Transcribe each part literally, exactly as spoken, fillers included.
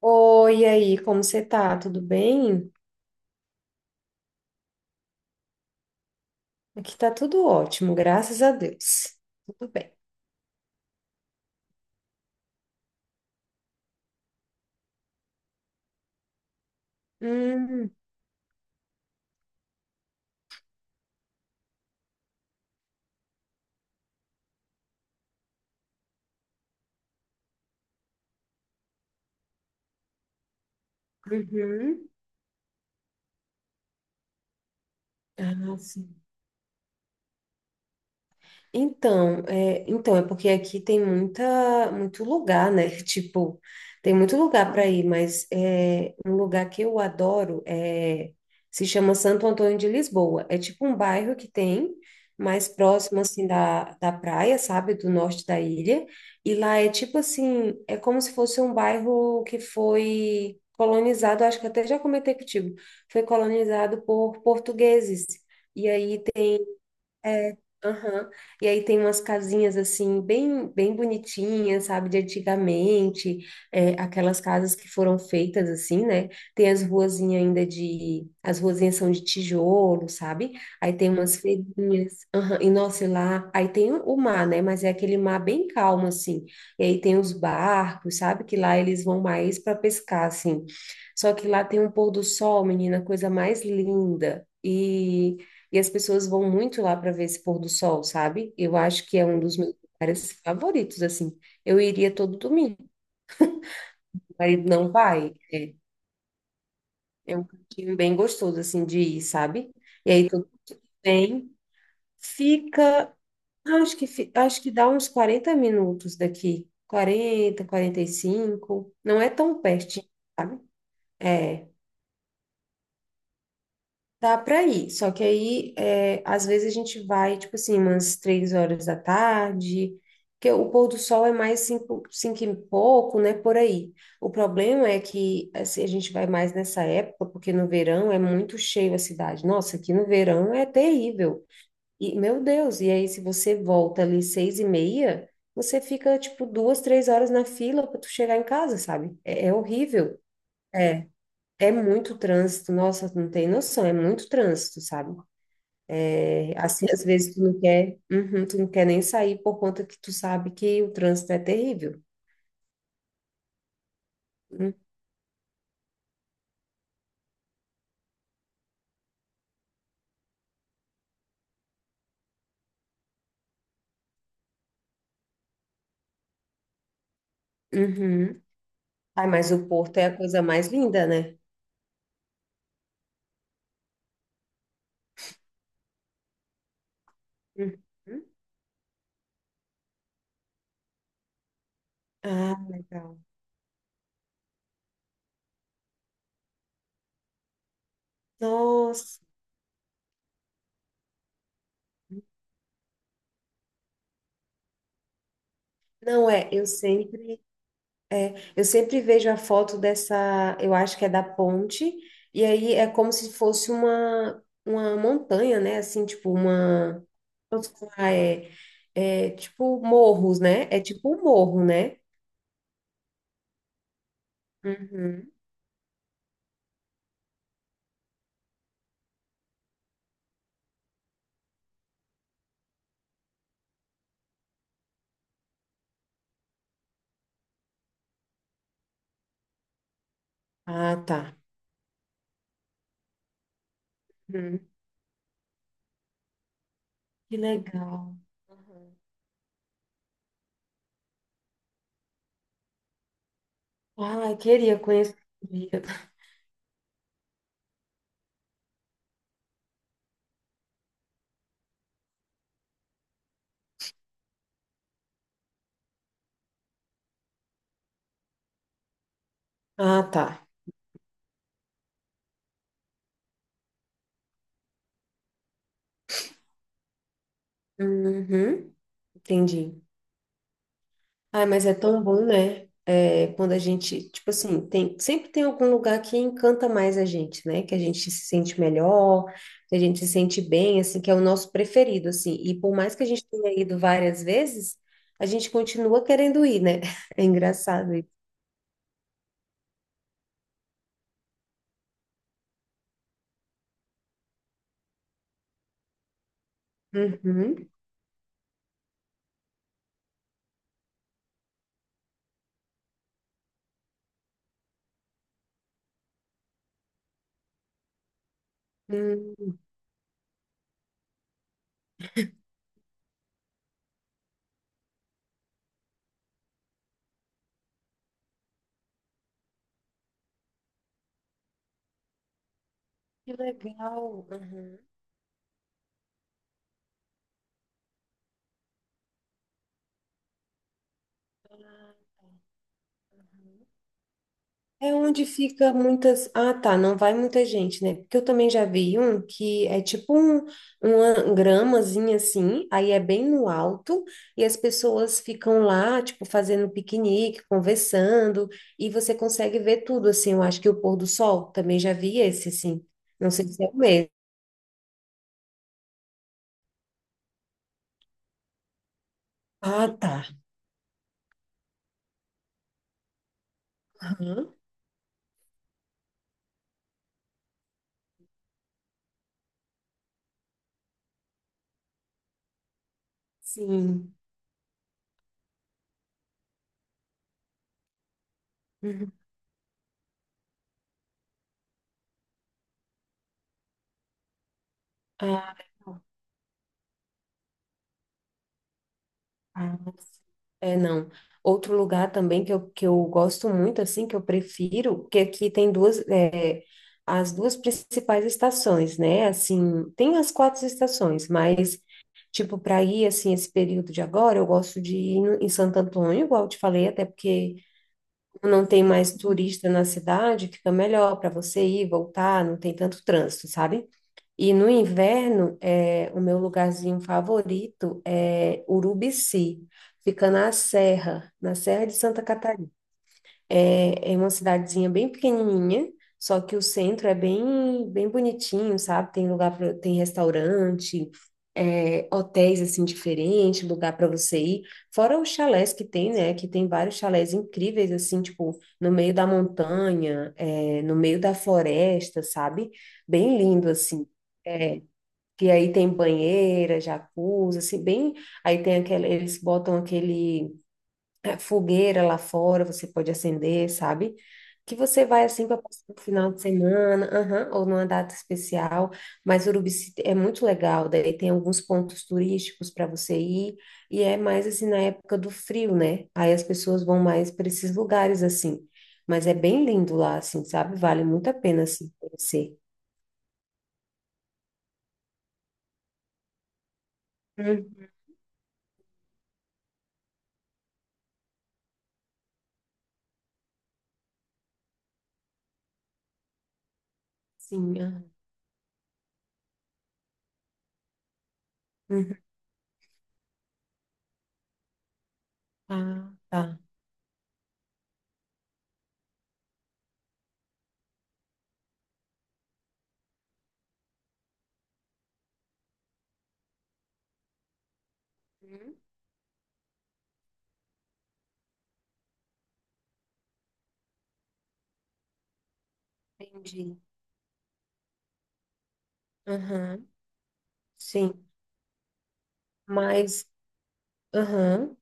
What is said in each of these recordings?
Oi, e aí, como você tá? Tudo bem? Aqui tá tudo ótimo, graças a Deus. Tudo bem. Hum, uhum. Ah, sim. Então, é, então, é porque aqui tem muita, muito lugar, né? Tipo, tem muito lugar para ir, mas é, um lugar que eu adoro é, se chama Santo Antônio de Lisboa. É tipo um bairro que tem mais próximo, assim, da, da praia, sabe? Do norte da ilha. E lá é tipo assim, é como se fosse um bairro que foi colonizado, acho que até já comentei contigo, foi colonizado por portugueses. E aí é, aham. E aí tem umas casinhas assim, bem, bem bonitinhas, sabe, de antigamente, é, aquelas casas que foram feitas assim, né? Tem as ruazinhas ainda de. As ruazinhas são de tijolo, sabe? Aí tem umas feirinhas, aham. E nossa, e lá. Aí tem o o mar, né? Mas é aquele mar bem calmo, assim. E aí tem os barcos, sabe? Que lá eles vão mais para pescar, assim. Só que lá tem um pôr do sol, menina, coisa mais linda. E. E as pessoas vão muito lá para ver esse pôr do sol, sabe? Eu acho que é um dos meus lugares favoritos, assim. Eu iria todo domingo, meu marido não vai. É um cantinho bem gostoso, assim, de ir, sabe? E aí todo mundo vem, fica, ah, acho que, fi- acho que dá uns quarenta minutos daqui. Quarenta, quarenta e cinco. Não é tão pertinho, sabe? É. Dá para ir, só que aí, é, às vezes a gente vai, tipo assim, umas três horas da tarde, porque o pôr do sol é mais cinco, cinco e pouco, né, por aí. O problema é que, assim, a gente vai mais nessa época, porque no verão é muito cheio a cidade. Nossa, aqui no verão é terrível. E, meu Deus, e aí se você volta ali seis e meia, você fica, tipo, duas, três horas na fila para tu chegar em casa, sabe? é é horrível. É muito trânsito, nossa, tu não tem noção, é muito trânsito, sabe? Assim, às vezes tu não quer, uhum, tu não quer nem sair por conta que tu sabe que o trânsito é terrível. Hum, Uhum. Ai, mas o Porto é a coisa mais linda, né? Uhum. Ah, legal. Nossa, não é, eu sempre, é, eu sempre vejo a foto dessa, eu acho que é da ponte, e aí é como se fosse uma, uma, montanha, né? Assim, tipo uma, posso falar, é, é tipo morros, né? É tipo um morro, né? Uhum. Ah, tá. Hum. Que legal. Uhum. Ai, queria conhecer. Sabia? Ah, tá. Uhum, entendi. Ai, mas é tão bom, né? É, quando a gente, tipo assim, tem, sempre tem algum lugar que encanta mais a gente, né? Que a gente se sente melhor, que a gente se sente bem, assim, que é o nosso preferido, assim. E por mais que a gente tenha ido várias vezes, a gente continua querendo ir, né? É engraçado isso. Uhum. Hum, que legal. Uhum. Ah, é onde fica muitas. Ah, tá, não vai muita gente, né? Porque eu também já vi um que é tipo um, uma gramazinha assim, aí é bem no alto, e as pessoas ficam lá, tipo, fazendo piquenique, conversando, e você consegue ver tudo, assim. Eu acho que o pôr do sol também já vi esse, assim. Não sei se é o mesmo. Ah, tá. Aham. Sim. Uhum. Ah, é, não. Outro lugar também que eu, que eu gosto muito, assim, que eu prefiro, que aqui tem duas, é, as duas principais estações, né? Assim, tem as quatro estações, mas, tipo, para ir, assim, esse período de agora, eu gosto de ir no- em Santo Antônio, igual eu te falei, até porque não tem mais turista na cidade, fica melhor para você ir, voltar, não tem tanto trânsito, sabe? E no inverno, é, o meu lugarzinho favorito é Urubici, fica na Serra, na Serra de Santa Catarina. É, é uma cidadezinha bem pequenininha, só que o centro é bem, bem bonitinho, sabe? Tem lugar pra, tem restaurante, é, hotéis assim diferentes, lugar para você ir. Fora os chalés que tem, né? Que tem vários chalés incríveis assim, tipo no meio da montanha, é, no meio da floresta, sabe? Bem lindo assim que aí tem banheira, jacuzzi, assim, bem, aí tem aquele, eles botam aquele é, fogueira lá fora, você pode acender, sabe? Que você vai assim para passar o final de semana, aham, ou numa data especial, mas Urubici é muito legal, daí tem alguns pontos turísticos para você ir, e é mais assim na época do frio, né? Aí as pessoas vão mais para esses lugares assim. Mas é bem lindo lá, assim, sabe? Vale muito a pena, assim, conhecer. Uhum. Sim, ah, uhum. Ah, tá. Hum, entendi. Aham, sim. Mas, aham,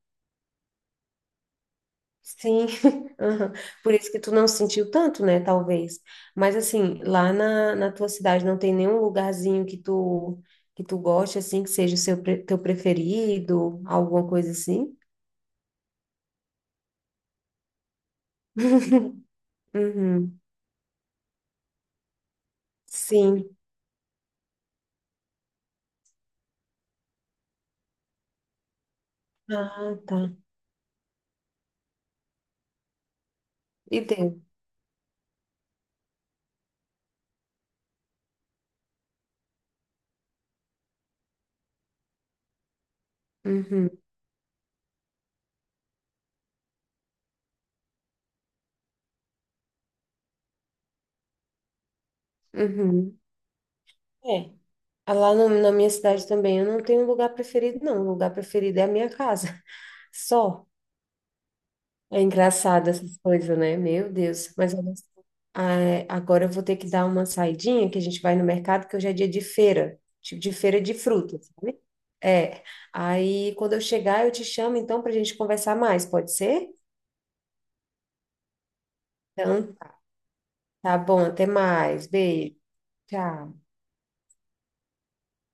sim. Aham. Por isso que tu não sentiu tanto, né? Talvez. Mas assim, lá na, na tua cidade não tem nenhum lugarzinho que tu que tu goste, assim, que seja o seu, pre- teu preferido, alguma coisa assim? Uhum. Sim. Ah, tá. E deu. Uhum. Uhum. É. Ah, lá no- na minha cidade também eu não tenho lugar preferido, não. O lugar preferido é a minha casa. Só. É engraçado essas coisas, né? Meu Deus. Mas olha só, ah, é, agora eu vou ter que dar uma saidinha, que a gente vai no mercado, que hoje é dia de feira, tipo de feira de frutas, sabe? É. Aí quando eu chegar, eu te chamo então para a gente conversar mais, pode ser? Então, tá bom, até mais. Beijo. Tchau.